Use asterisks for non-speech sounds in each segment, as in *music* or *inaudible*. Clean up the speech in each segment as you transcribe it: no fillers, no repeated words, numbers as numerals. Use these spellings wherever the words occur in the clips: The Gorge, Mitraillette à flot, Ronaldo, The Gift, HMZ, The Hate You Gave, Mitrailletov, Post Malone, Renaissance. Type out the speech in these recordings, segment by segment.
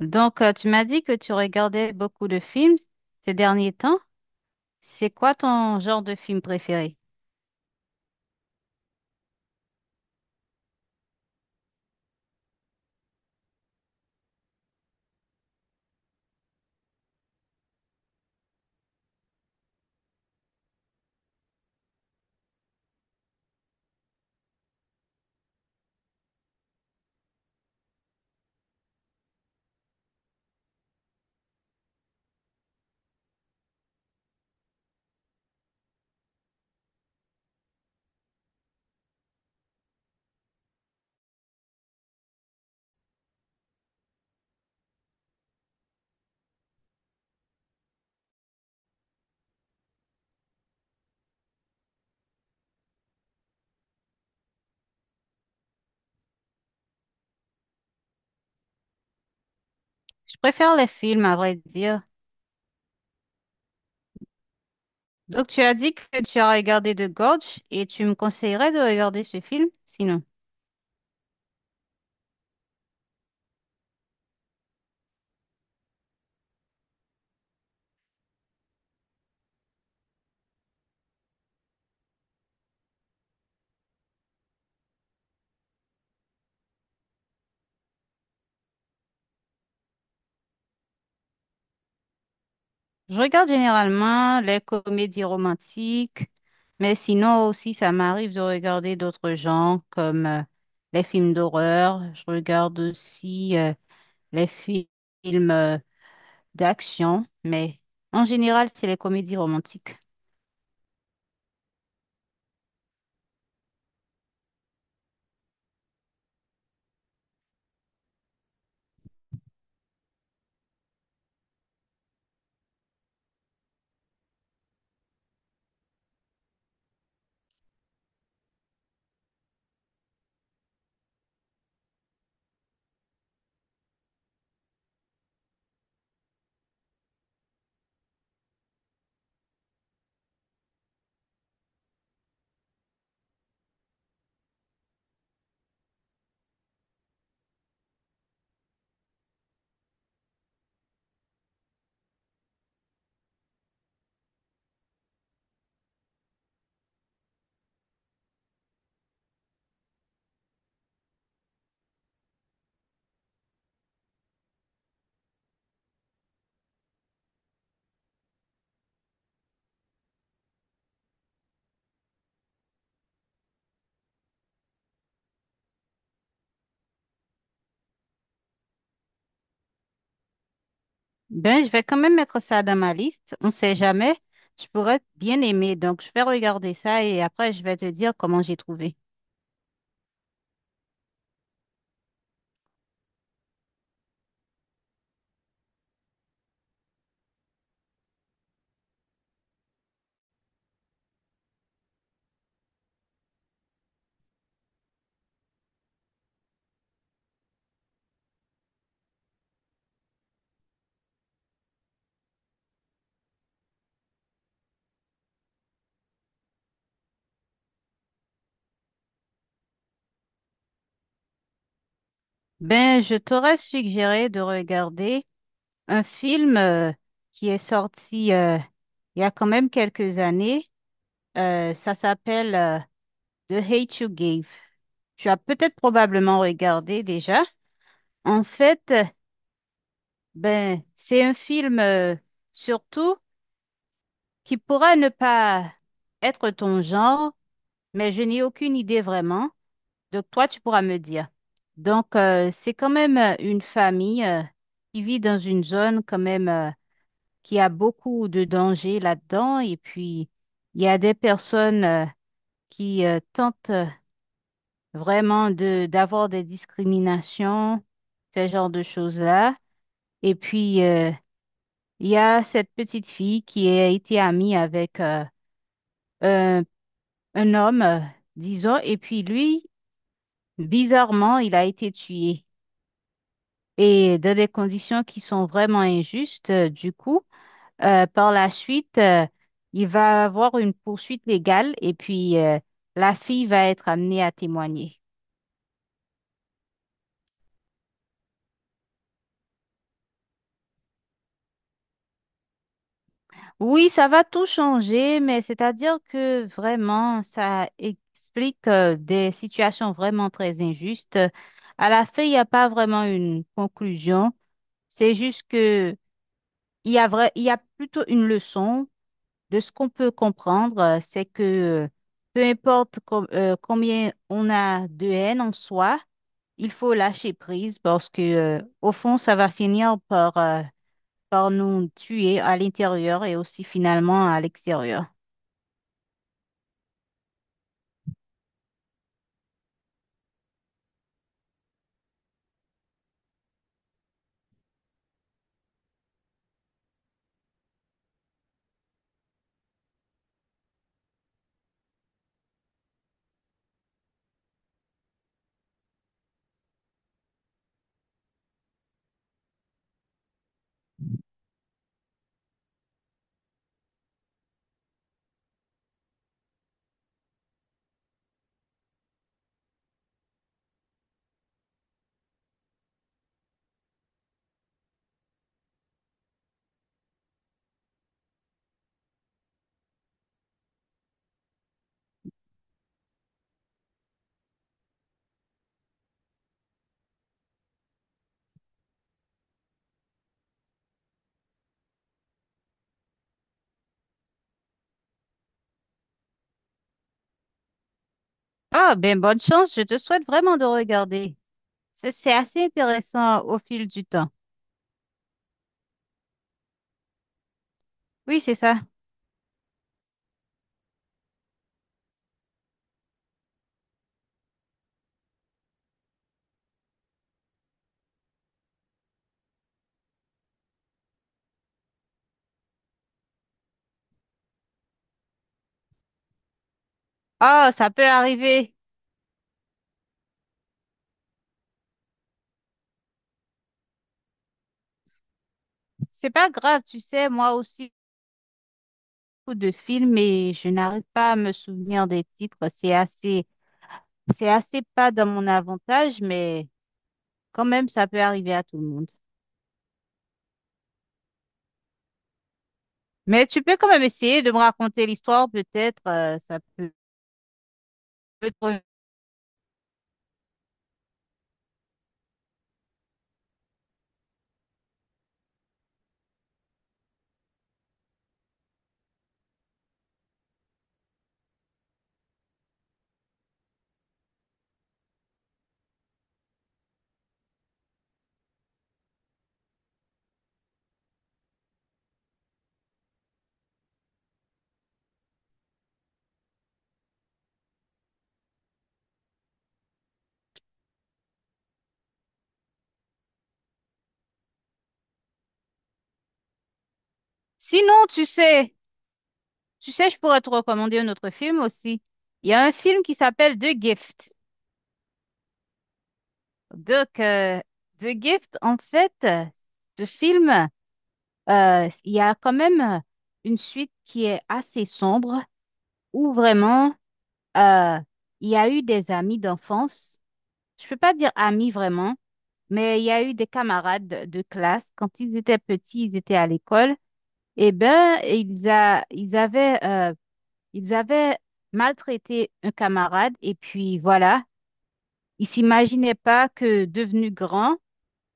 Donc, tu m'as dit que tu regardais beaucoup de films ces derniers temps. C'est quoi ton genre de film préféré? Je préfère les films, à vrai dire. Donc, tu as dit que tu as regardé The Gorge et tu me conseillerais de regarder ce film, sinon. Je regarde généralement les comédies romantiques, mais sinon aussi, ça m'arrive de regarder d'autres genres comme les films d'horreur. Je regarde aussi les fi- films d'action, mais en général, c'est les comédies romantiques. Ben, je vais quand même mettre ça dans ma liste. On sait jamais. Je pourrais bien aimer. Donc, je vais regarder ça et après, je vais te dire comment j'ai trouvé. Ben, je t'aurais suggéré de regarder un film qui est sorti il y a quand même quelques années. Ça s'appelle The Hate You Gave. Tu as peut-être probablement regardé déjà. En fait, ben, c'est un film surtout qui pourrait ne pas être ton genre mais je n'ai aucune idée vraiment. Donc, toi, tu pourras me dire. Donc, c'est quand même une famille qui vit dans une zone quand même qui a beaucoup de dangers là-dedans. Et puis, il y a des personnes qui tentent vraiment de d'avoir des discriminations, ce genre de choses-là. Et puis, il y a cette petite fille qui a été amie avec un, un homme, disons, et puis lui, bizarrement, il a été tué, et dans des conditions qui sont vraiment injustes. Du coup, par la suite, il va avoir une poursuite légale et puis la fille va être amenée à témoigner. Oui, ça va tout changer, mais c'est-à-dire que vraiment, ça explique des situations vraiment très injustes. À la fin, il n'y a pas vraiment une conclusion. C'est juste que il y a plutôt une leçon. De ce qu'on peut comprendre, c'est que peu importe combien on a de haine en soi, il faut lâcher prise parce que, au fond, ça va finir par, par nous tuer à l'intérieur et aussi finalement à l'extérieur. Ah, ben bonne chance, je te souhaite vraiment de regarder. C'est assez intéressant au fil du temps. Oui, c'est ça. Ah, ça peut arriver. C'est pas grave, tu sais, moi aussi, beaucoup de films et je n'arrive pas à me souvenir des titres. C'est assez pas dans mon avantage, mais quand même, ça peut arriver à tout le monde. Mais tu peux quand même essayer de me raconter l'histoire, peut-être, ça peut peut-être- Sinon, tu sais, je pourrais te recommander un autre film aussi. Il y a un film qui s'appelle The Gift. Donc, The Gift, en fait, ce film, il y a quand même une suite qui est assez sombre, où vraiment, euh, il y a eu des amis d'enfance. Je peux pas dire amis vraiment. Mais il y a eu des camarades de classe, quand ils étaient petits, ils étaient à l'école, et ben ils avaient maltraité un camarade, et puis voilà, ils s'imaginaient pas que devenu grand,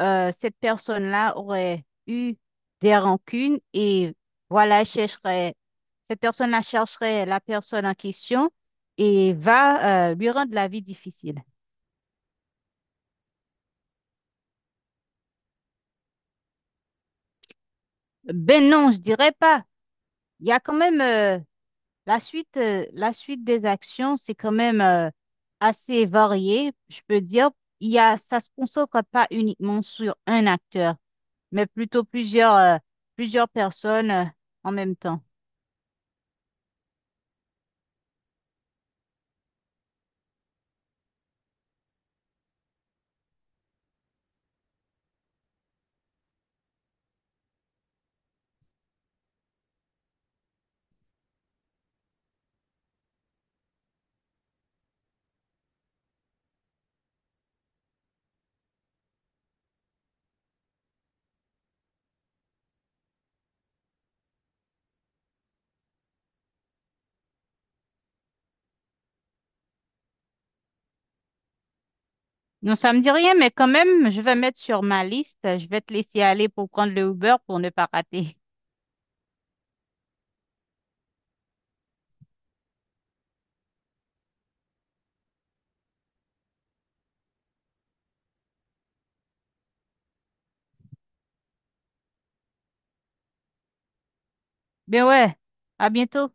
cette personne-là aurait eu des rancunes, et voilà, cette personne-là chercherait la personne en question et va, lui rendre la vie difficile. Ben non, je dirais pas. Il y a quand même... la suite, la suite des actions, c'est quand même assez varié, je peux dire. Ça se concentre pas uniquement sur un acteur, mais plutôt plusieurs, plusieurs personnes en même temps. Non, ça me dit rien, mais quand même, je vais mettre sur ma liste. Je vais te laisser aller pour prendre le Uber pour ne pas rater. *laughs* Mais ouais, à bientôt.